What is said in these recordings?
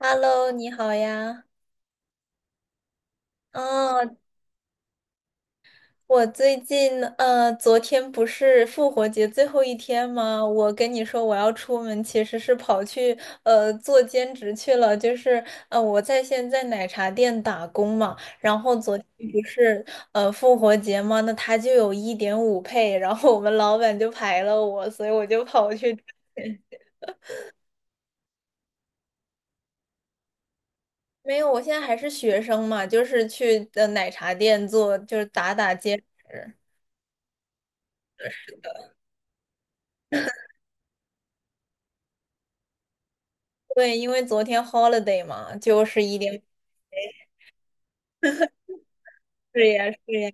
Hello，你好呀。哦，我最近昨天不是复活节最后一天吗？我跟你说我要出门，其实是跑去做兼职去了，就是我在现在奶茶店打工嘛。然后昨天不是复活节嘛，那他就有一点五配，然后我们老板就排了我，所以我就跑去。没有，我现在还是学生嘛，就是去的奶茶店做，就是打打兼职。对，因为昨天 holiday 嘛，就是一点。是呀，是呀，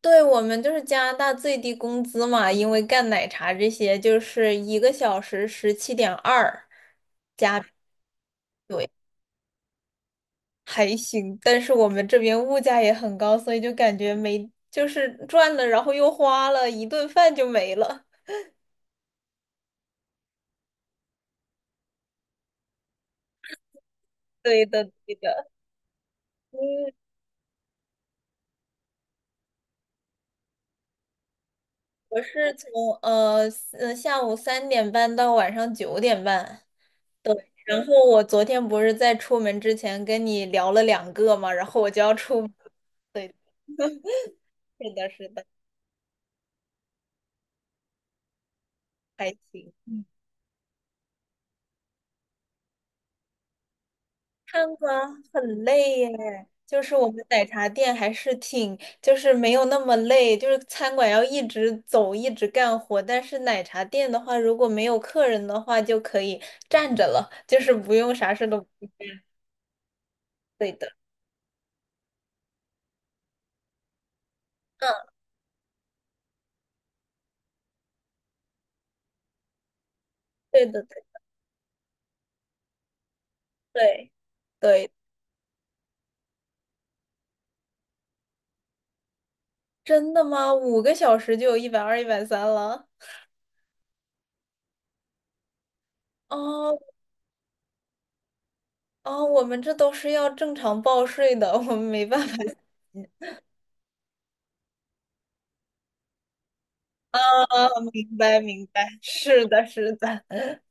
对，我们就是加拿大最低工资嘛，因为干奶茶这些，就是一个小时17.2，还行。但是我们这边物价也很高，所以就感觉没，就是赚了，然后又花了，一顿饭就没了。对的，对的。嗯，我是从呃下午3点半到晚上9点半。对，然后我昨天不是在出门之前跟你聊了两个嘛，然后我就要出门。对，是的，是的，还行。嗯，看过，很累耶。就是我们奶茶店还是挺，就是没有那么累，就是餐馆要一直走，一直干活。但是奶茶店的话，如果没有客人的话，就可以站着了，就是不用啥事都不干。对的，嗯，对的，对对对，真的吗？5个小时就有120、130了。哦哦，我们这都是要正常报税的，我们没办法 啊，明白明白，是的，是的。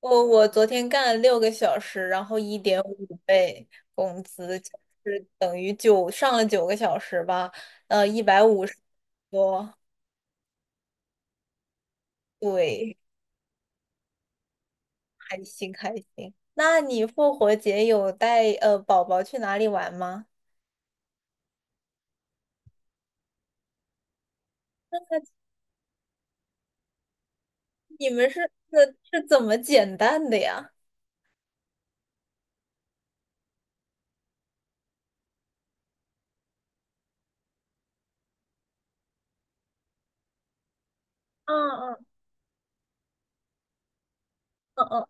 我昨天干了6个小时，然后1.5倍工资，就是等于上了9个小时吧，150多，对，开心开心。那你复活节有带宝宝去哪里玩吗？那你们是是怎么减蛋的呀？嗯嗯嗯嗯，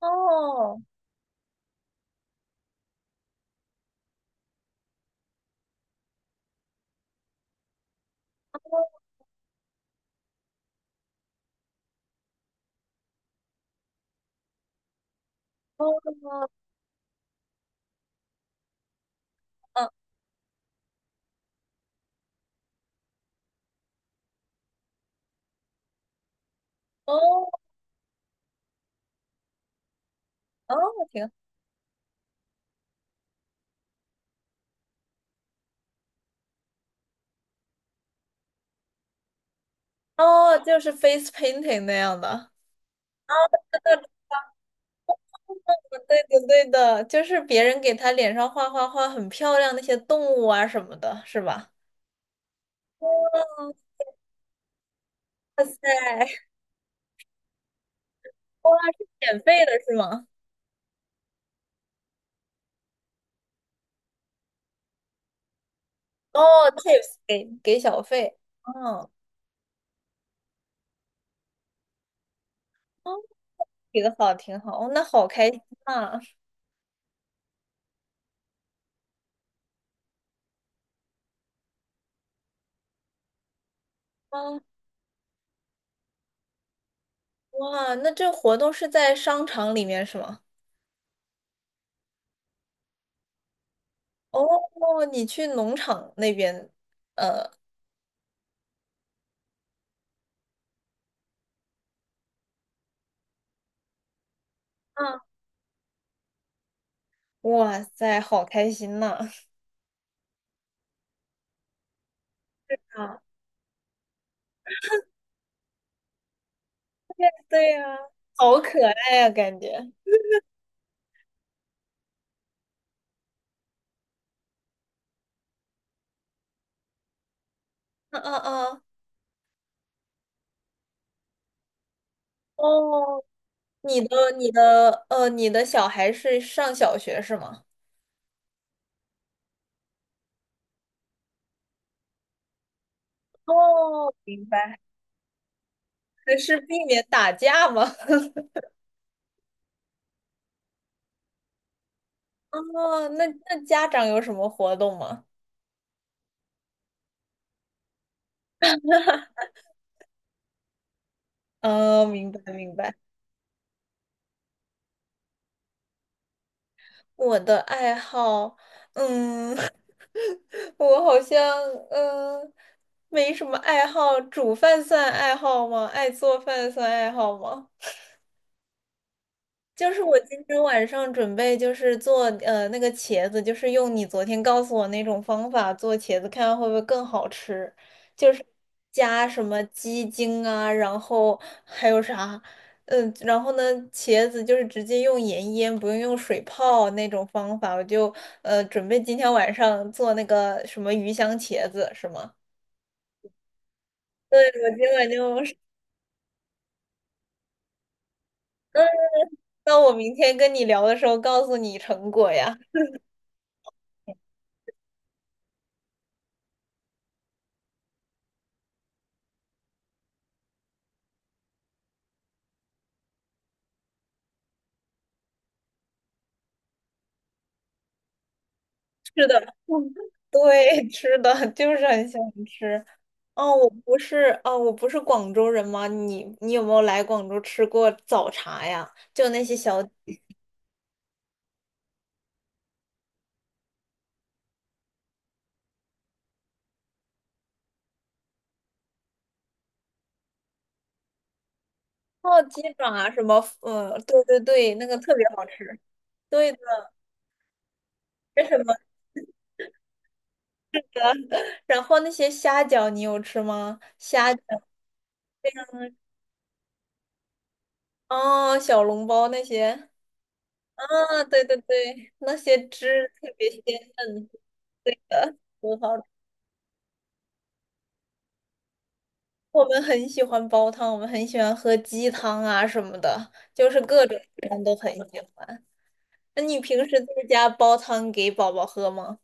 哦。哦，嗯，哦，哦，挺好，哦，就是 face painting 那样的，对的，对的，就是别人给他脸上画画画很漂亮那些动物啊什么的，是吧？哦，哇塞，哇，是免费的是吗？哦，tips 给小费，嗯，哦，给的好，挺好，哦，那好开心啊，哦，哇，那这活动是在商场里面是吗？哦，你去农场那边，呃。哇塞，好开心呐！啊，对呀、好可爱呀、感觉。嗯嗯嗯，哦，你的小孩是上小学是吗？哦，明白。那是避免打架吗？哦，那家长有什么活动吗？哦，明白明白。我的爱好，嗯，我好像嗯没什么爱好，煮饭算爱好吗？爱做饭算爱好吗？就是我今天晚上准备就是做那个茄子，就是用你昨天告诉我那种方法做茄子，看看会不会更好吃。就是加什么鸡精啊，然后还有啥，然后呢，茄子就是直接用盐腌，不用用水泡那种方法。我就准备今天晚上做那个什么鱼香茄子，是吗？对，我今晚就，嗯，那我明天跟你聊的时候告诉你成果呀。是的，嗯对，吃的，就是很想吃。哦，我不是广州人吗？你有没有来广州吃过早茶呀？就那些小哦，鸡爪啊，什么，嗯，对对对，那个特别好吃。对的，为什么？然后那些虾饺你有吃吗？嗯哦，小笼包那些，啊，对对对，那些汁特别鲜嫩，对的，很好。我们很喜欢煲汤，我们很喜欢喝鸡汤啊什么的，就是各种汤都很喜欢。那你平时在家煲汤给宝宝喝吗？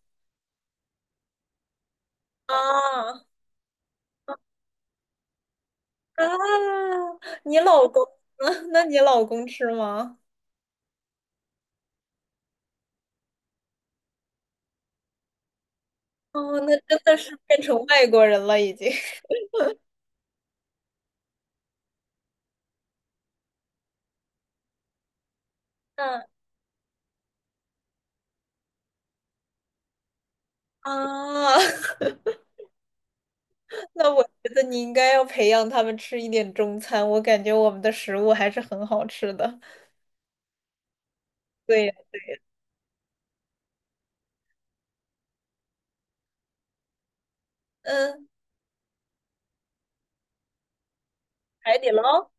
啊啊！你老公呢？那你老公吃吗？哦，那真的是变成外国人了已经。嗯啊，那我觉得你应该要培养他们吃一点中餐，我感觉我们的食物还是很好吃的。对，嗯，海底捞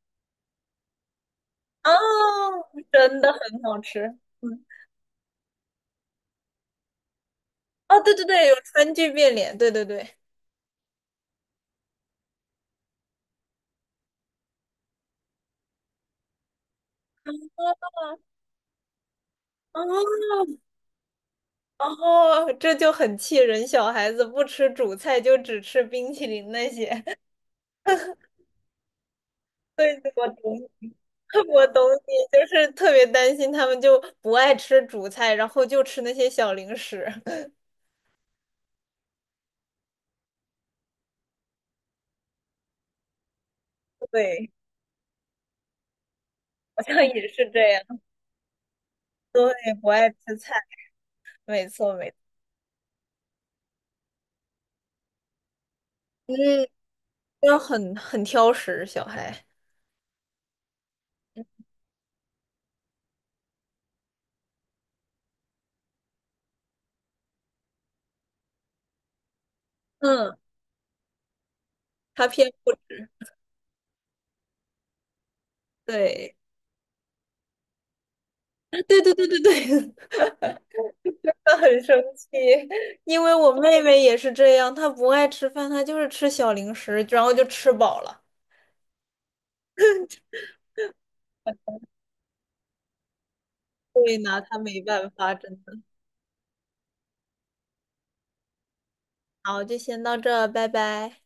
啊，真的很好吃。嗯。哦，对对对，有川剧变脸，对对对。哦哦，这就很气人，小孩子不吃主菜，就只吃冰淇淋那些。对，我懂，我懂你，就是特别担心他们就不爱吃主菜，然后就吃那些小零食。对，好像也是这样。对，不爱吃菜，没错没错。嗯，要很挑食，小孩。嗯，他偏不，对，对对对对对，他很生气，因为我妹妹也是这样，她不爱吃饭，她就是吃小零食，然后就吃饱了。所以拿她没办法，真的。好，就先到这，拜拜。